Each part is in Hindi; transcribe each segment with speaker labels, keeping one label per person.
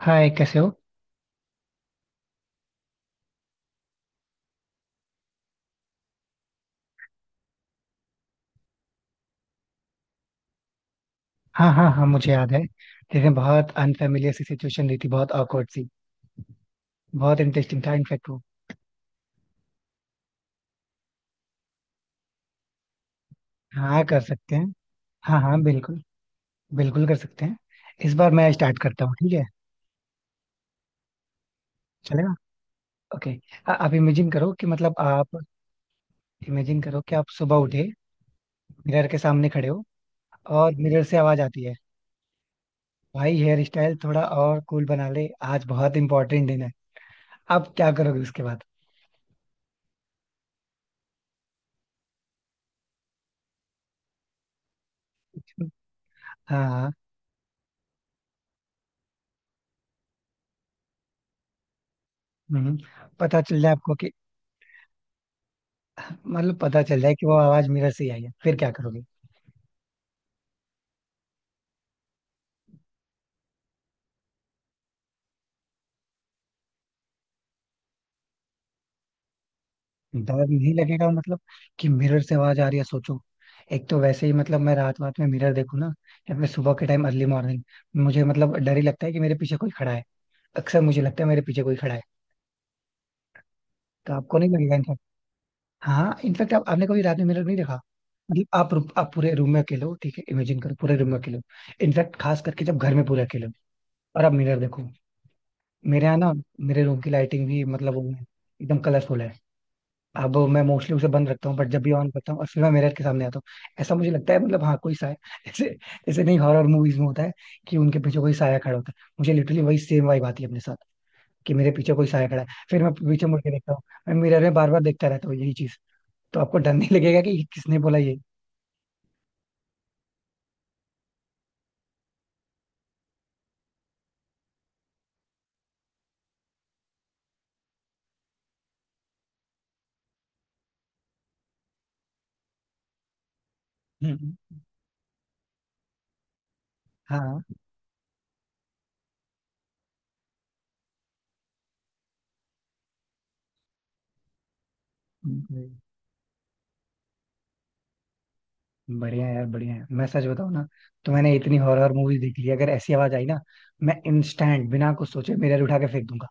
Speaker 1: हाय, कैसे हो? हाँ हाँ हाँ, मुझे याद है। लेकिन बहुत अनफेमिलियर सी सिचुएशन रही थी, बहुत awkward सी। बहुत इंटरेस्टिंग था इनफेक्ट वो। हाँ कर सकते हैं। हाँ हाँ बिल्कुल। बिल्कुल कर सकते हैं। इस बार मैं स्टार्ट करता हूँ, ठीक है? चलेगा। ओके। आप इमेजिन करो कि मतलब आप इमेजिन करो कि आप सुबह उठे, मिरर के सामने खड़े हो, और मिरर से आवाज आती है, भाई हेयर स्टाइल थोड़ा और कूल बना ले, आज बहुत इंपॉर्टेंट दिन है। आप क्या करोगे उसके बाद? हाँ हाँ। हम्म, पता चल जाए आपको कि, मतलब पता चल जाए कि वो आवाज मिरर से ही आई है, फिर क्या करोगे? डर नहीं लगेगा मतलब? कि मिरर से आवाज आ रही है, सोचो। एक तो वैसे ही मतलब मैं रात रात में मिरर देखूं ना, या फिर सुबह के टाइम अर्ली मॉर्निंग, मुझे मतलब डर ही लगता है कि मेरे पीछे कोई खड़ा है। अक्सर मुझे लगता है मेरे पीछे कोई खड़ा है। तो आपको नहीं लगेगा इनफैक्ट? हाँ इनफैक्ट आप, आपने कभी रात में मिरर नहीं देखा? मतलब आप पूरे रूम में अकेले हो, ठीक है, इमेजिन करो पूरे रूम में अकेले हो। इनफैक्ट खास करके जब घर में पूरे अकेले हो, और आप मिरर देखो। मेरे यहाँ ना, मेरे रूम की लाइटिंग भी मतलब वो है, एकदम कलरफुल है। अब मैं मोस्टली उसे बंद रखता हूँ, बट जब भी ऑन करता हूँ और फिर मैं मिरर के सामने आता हूँ, ऐसा मुझे लगता है, मतलब हाँ कोई साया ऐसे। ऐसे नहीं हॉरर मूवीज में होता है कि उनके पीछे कोई साया खड़ा होता है, मुझे लिटरली वही सेम वाइब आती है अपने साथ, कि मेरे पीछे कोई साया खड़ा है, फिर मैं पीछे मुड़ के देखता हूँ। मैं मिरर में बार बार देखता रहता हूँ यही चीज। तो आपको डर नहीं लगेगा कि किसने बोला ये? हम्म। हाँ। हम्म, बढ़िया है यार, बढ़िया है। मैं सच बताऊँ ना, तो मैंने इतनी हॉरर मूवीज देख ली, अगर ऐसी आवाज आई ना, मैं इंस्टेंट बिना कुछ सोचे मिरर उठा के फेंक दूंगा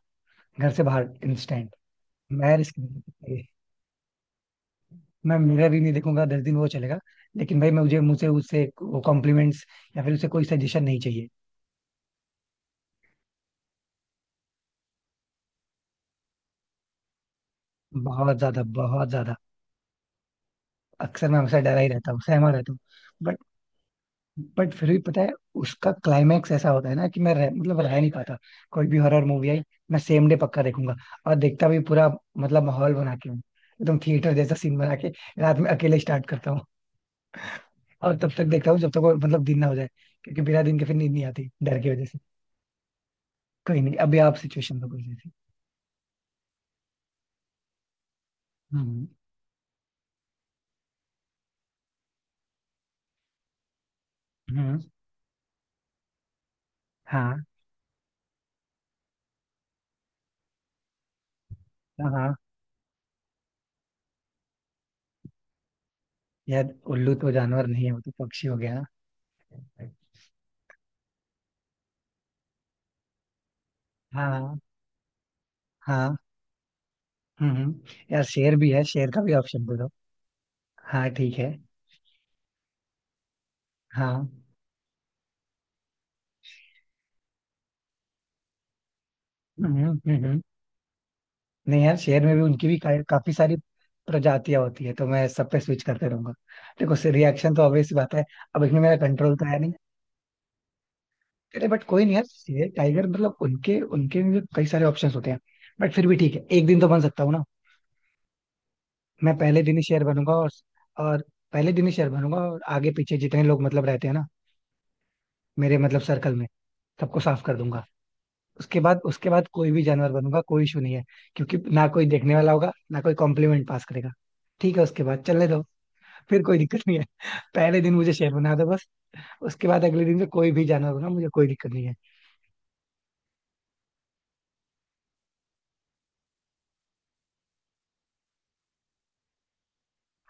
Speaker 1: घर से बाहर, इंस्टेंट। मैं रिस्क नहीं ले सकता। मैं मिरर ही नहीं देखूंगा 10 दिन, वो चलेगा। लेकिन भाई मैं, मुझे मुझे उससे वो कॉम्प्लीमेंट्स या फिर उससे कोई सजेशन नहीं चाहिए। बहुत ज्यादा बहुत ज्यादा। अक्सर मैं हमेशा डरा ही रहता हूँ, सहमा रहता हूँ। बट बट फिर भी पता है, उसका क्लाइमैक्स ऐसा होता है ना कि मैं मतलब रह नहीं पाता। कोई भी हॉरर मूवी आई मैं सेम डे पक्का देखूंगा, और देखता भी पूरा। मतलब माहौल बना के हूँ एकदम थिएटर जैसा सीन बना के, रात में अकेले स्टार्ट करता हूँ, और तब तक देखता हूँ जब तक वो मतलब दिन ना हो जाए। क्योंकि बिना दिन के फिर नींद नहीं आती, डर की वजह से। कोई नहीं, अभी आप सिचुएशन दो कोई जैसी। हम्म। हाँ हाँ हाँ। यार उल्लू तो जानवर नहीं है, वो तो पक्षी हो गया ना। हाँ। हाँ। हम्म। यार शेर भी है, शेर का भी ऑप्शन दे दो। हाँ ठीक है। हाँ। हम्म हम्म हम्म। नहीं यार, शेर में भी उनकी भी काफी सारी प्रजातियां होती है, तो मैं सब पे स्विच करते रहूंगा। देखो से रिएक्शन तो ऑब्वियस बात है, अब इसमें मेरा कंट्रोल तो है नहीं। अरे बट कोई नहीं, यार शेर टाइगर, मतलब उनके उनके में भी कई सारे ऑप्शंस होते हैं। बट फिर भी ठीक है, एक दिन तो बन सकता हूँ ना। मैं पहले दिन ही शेयर बनूंगा। और पहले दिन ही शेयर बनूंगा और आगे पीछे जितने लोग मतलब रहते हैं ना, मेरे मतलब सर्कल में, सबको साफ कर दूंगा। उसके बाद, उसके बाद कोई भी जानवर बनूंगा, कोई इशू नहीं है। क्योंकि ना कोई देखने वाला होगा, ना कोई कॉम्प्लीमेंट पास करेगा। ठीक है उसके बाद चलने दो, फिर कोई दिक्कत नहीं है। पहले दिन मुझे शेर बना दो बस। उसके बाद अगले दिन से कोई भी जानवर बना, मुझे कोई दिक्कत नहीं है।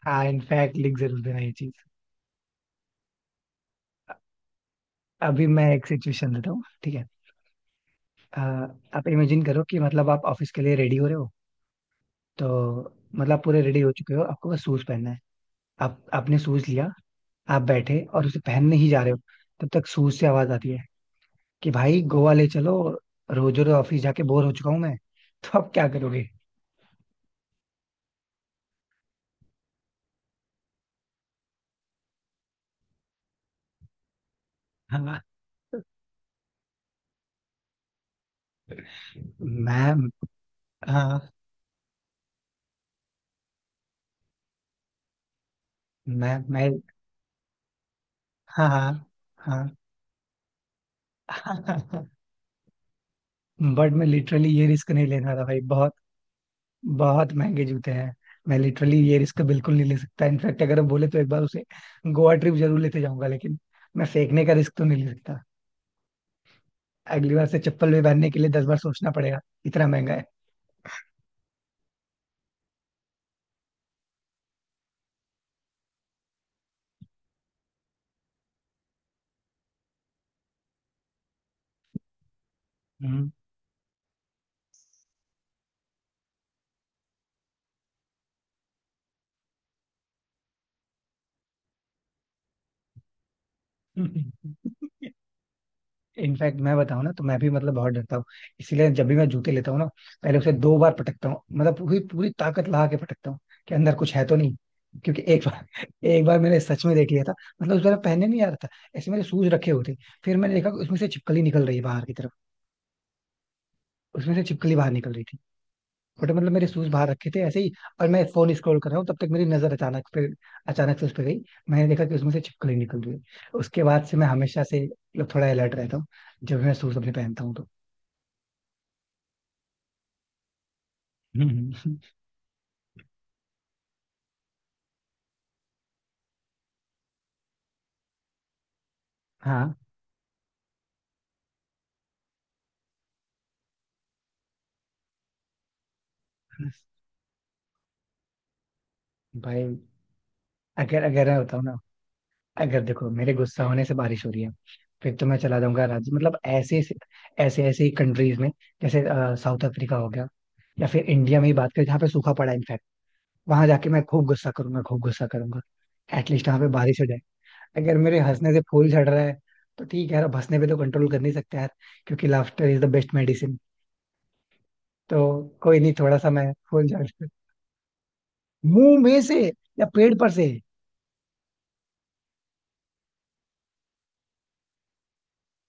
Speaker 1: हाँ इनफैक्ट लिख जरूर देना ये चीज। अभी मैं एक सिचुएशन देता हूँ, ठीक है। अ, आप इमेजिन करो कि मतलब आप ऑफिस के लिए रेडी हो रहे हो, तो मतलब आप पूरे रेडी हो चुके हो, आपको बस शूज पहनना है। आप आपने शूज लिया, आप बैठे और उसे पहनने ही जा रहे हो, तब तक शूज से आवाज आती है कि भाई गोवा ले चलो, रोज रोज ऑफिस जाके बोर हो चुका हूँ मैं। तो अब क्या करोगे? हाँ। मैम। हाँ। मैं। हाँ। हाँ हाँ। बट मैं लिटरली ये रिस्क नहीं लेना था भाई, बहुत बहुत महंगे जूते हैं। मैं लिटरली ये रिस्क बिल्कुल नहीं ले सकता, इनफैक्ट अगर हम बोले तो एक बार उसे गोवा ट्रिप जरूर लेते जाऊंगा, लेकिन मैं फेंकने का रिस्क तो नहीं ले सकता। अगली बार से चप्पल भी पहनने के लिए 10 बार सोचना पड़ेगा, इतना महंगा है। हम्म। इनफैक्ट मैं बताऊं ना, तो मैं भी मतलब बहुत डरता हूँ। इसीलिए जब भी मैं जूते लेता हूँ ना, पहले उसे 2 बार पटकता हूँ, मतलब पूरी पूरी ताकत लगा के पटकता हूँ, कि अंदर कुछ है तो नहीं। क्योंकि एक बार एक बार मैंने सच में देख लिया था। मतलब उस बार मैं पहनने नहीं आ रहा था, ऐसे मेरे शूज रखे हुए थे, फिर मैंने देखा कि उसमें से छिपकली निकल रही है बाहर की तरफ। उसमें से छिपकली बाहर निकल रही थी। बट मतलब मेरे शूज बाहर रखे थे ऐसे ही, और मैं फोन स्क्रॉल कर रहा हूँ, तब तक मेरी नजर अचानक पे, अचानक से उस पे गई, मैंने देखा कि उसमें से छिपकली निकल रही है। उसके बाद से मैं हमेशा से मतलब थोड़ा अलर्ट रहता हूँ जब मैं शूज अपने पहनता हूँ तो हम्म। हाँ। भाई, अगर अगर मैं बताऊँ ना, अगर देखो मेरे गुस्सा होने से बारिश हो रही है, फिर तो मैं चला जाऊंगा, राज्य मतलब ऐसे, ऐसे ऐसे ही कंट्रीज में। जैसे साउथ अफ्रीका हो गया, या फिर इंडिया में ही बात करें जहाँ पे सूखा पड़ा है, वहां जाके मैं खूब गुस्सा करूंगा खूब गुस्सा करूंगा, एटलीस्ट वहां पे बारिश हो जाए। अगर मेरे हंसने से फूल झड़ रहा है, तो ठीक है यार, अब हंसने पे तो कंट्रोल कर नहीं सकते यार, क्योंकि laughter is the best medicine. तो कोई नहीं, थोड़ा सा मैं फूल झड़। मुंह में से, या पेड़ पर से।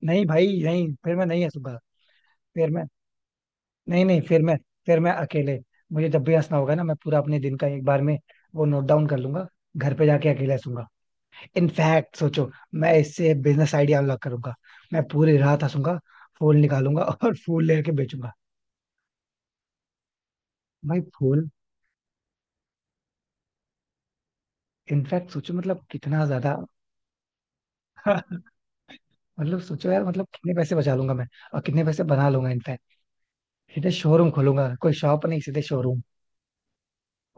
Speaker 1: नहीं भाई नहीं, फिर मैं नहीं हंसूंगा। फिर मैं। नहीं नहीं फिर मैं। अकेले, मुझे जब भी हंसना होगा ना, मैं पूरा अपने दिन का एक बार में वो नोट डाउन कर लूंगा, घर पे जाके अकेले हंसूंगा। इनफैक्ट सोचो, मैं इससे बिजनेस आइडिया अनलॉक करूंगा। मैं पूरी रात हंसूंगा, फूल निकालूंगा और फूल लेके बेचूंगा। भाई फूल, इनफैक्ट सोचो मतलब कितना ज्यादा। मतलब सोचो यार, मतलब कितने पैसे बचा लूंगा मैं, और कितने पैसे बना लूंगा इनफैक्ट। सीधे शोरूम खोलूंगा, कोई शॉप नहीं, सीधे शोरूम,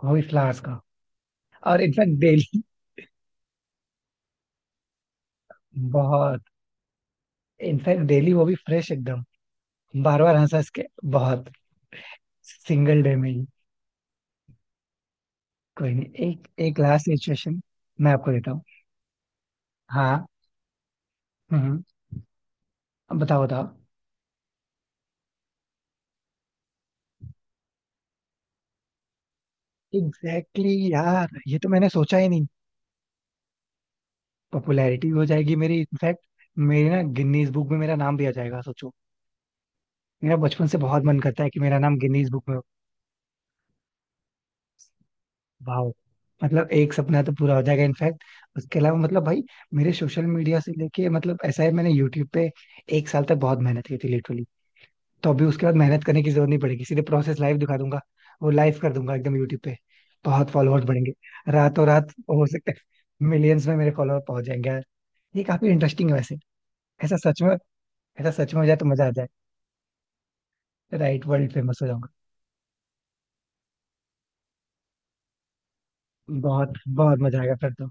Speaker 1: वो भी flowers का। और इनफैक्ट डेली। बहुत। इनफैक्ट डेली वो भी फ्रेश एकदम। बार बार हंस हंस के। बहुत। सिंगल डे में ही। कोई नहीं, एक एक लास्ट सिचुएशन मैं आपको देता हूँ। हाँ। हम्म। बताओ बताओ। एग्जैक्टली exactly यार, ये तो मैंने सोचा ही नहीं। पॉपुलैरिटी हो जाएगी मेरी इनफैक्ट। मेरी ना गिनीज बुक में मेरा नाम दिया जाएगा सोचो। मेरा बचपन से बहुत मन करता है कि मेरा नाम गिनीज बुक में हो। वाह। मतलब एक सपना तो पूरा हो जाएगा इनफैक्ट। उसके अलावा मतलब भाई मेरे सोशल मीडिया से लेके, मतलब ऐसा है, मैंने यूट्यूब पे एक साल तक बहुत मेहनत की थी लिटरली। तो अभी उसके बाद मेहनत करने की जरूरत नहीं पड़ेगी, सीधे प्रोसेस लाइव दिखा दूंगा। वो लाइव कर दूंगा एकदम यूट्यूब पे। बहुत फॉलोअर्स बढ़ेंगे। रातों रात हो सकता है मिलियंस में मेरे फॉलोअर पहुंच जाएंगे। ये काफी इंटरेस्टिंग है वैसे। ऐसा सच में ऐसा सच में हो जाए तो मजा आ जाए। राइट, वर्ल्ड फेमस हो जाऊंगा। बहुत, बहुत मजा आएगा फिर तो।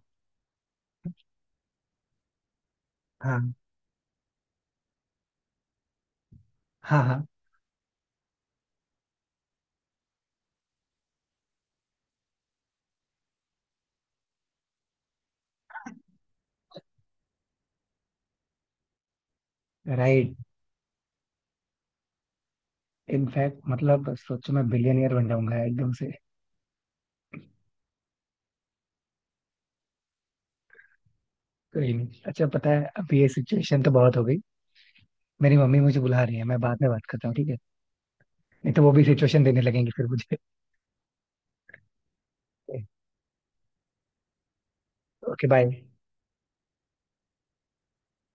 Speaker 1: हाँ हाँ हाँ। राइट। इनफैक्ट मतलब सोचो मैं बिलियनियर बन जाऊंगा एकदम से। कोई नहीं, अच्छा पता है, अभी ये सिचुएशन तो बहुत हो गई। मेरी मम्मी मुझे बुला रही है, मैं बाद में बात करता हूँ ठीक है। नहीं तो वो भी सिचुएशन देने लगेंगी फिर मुझे। Okay bye.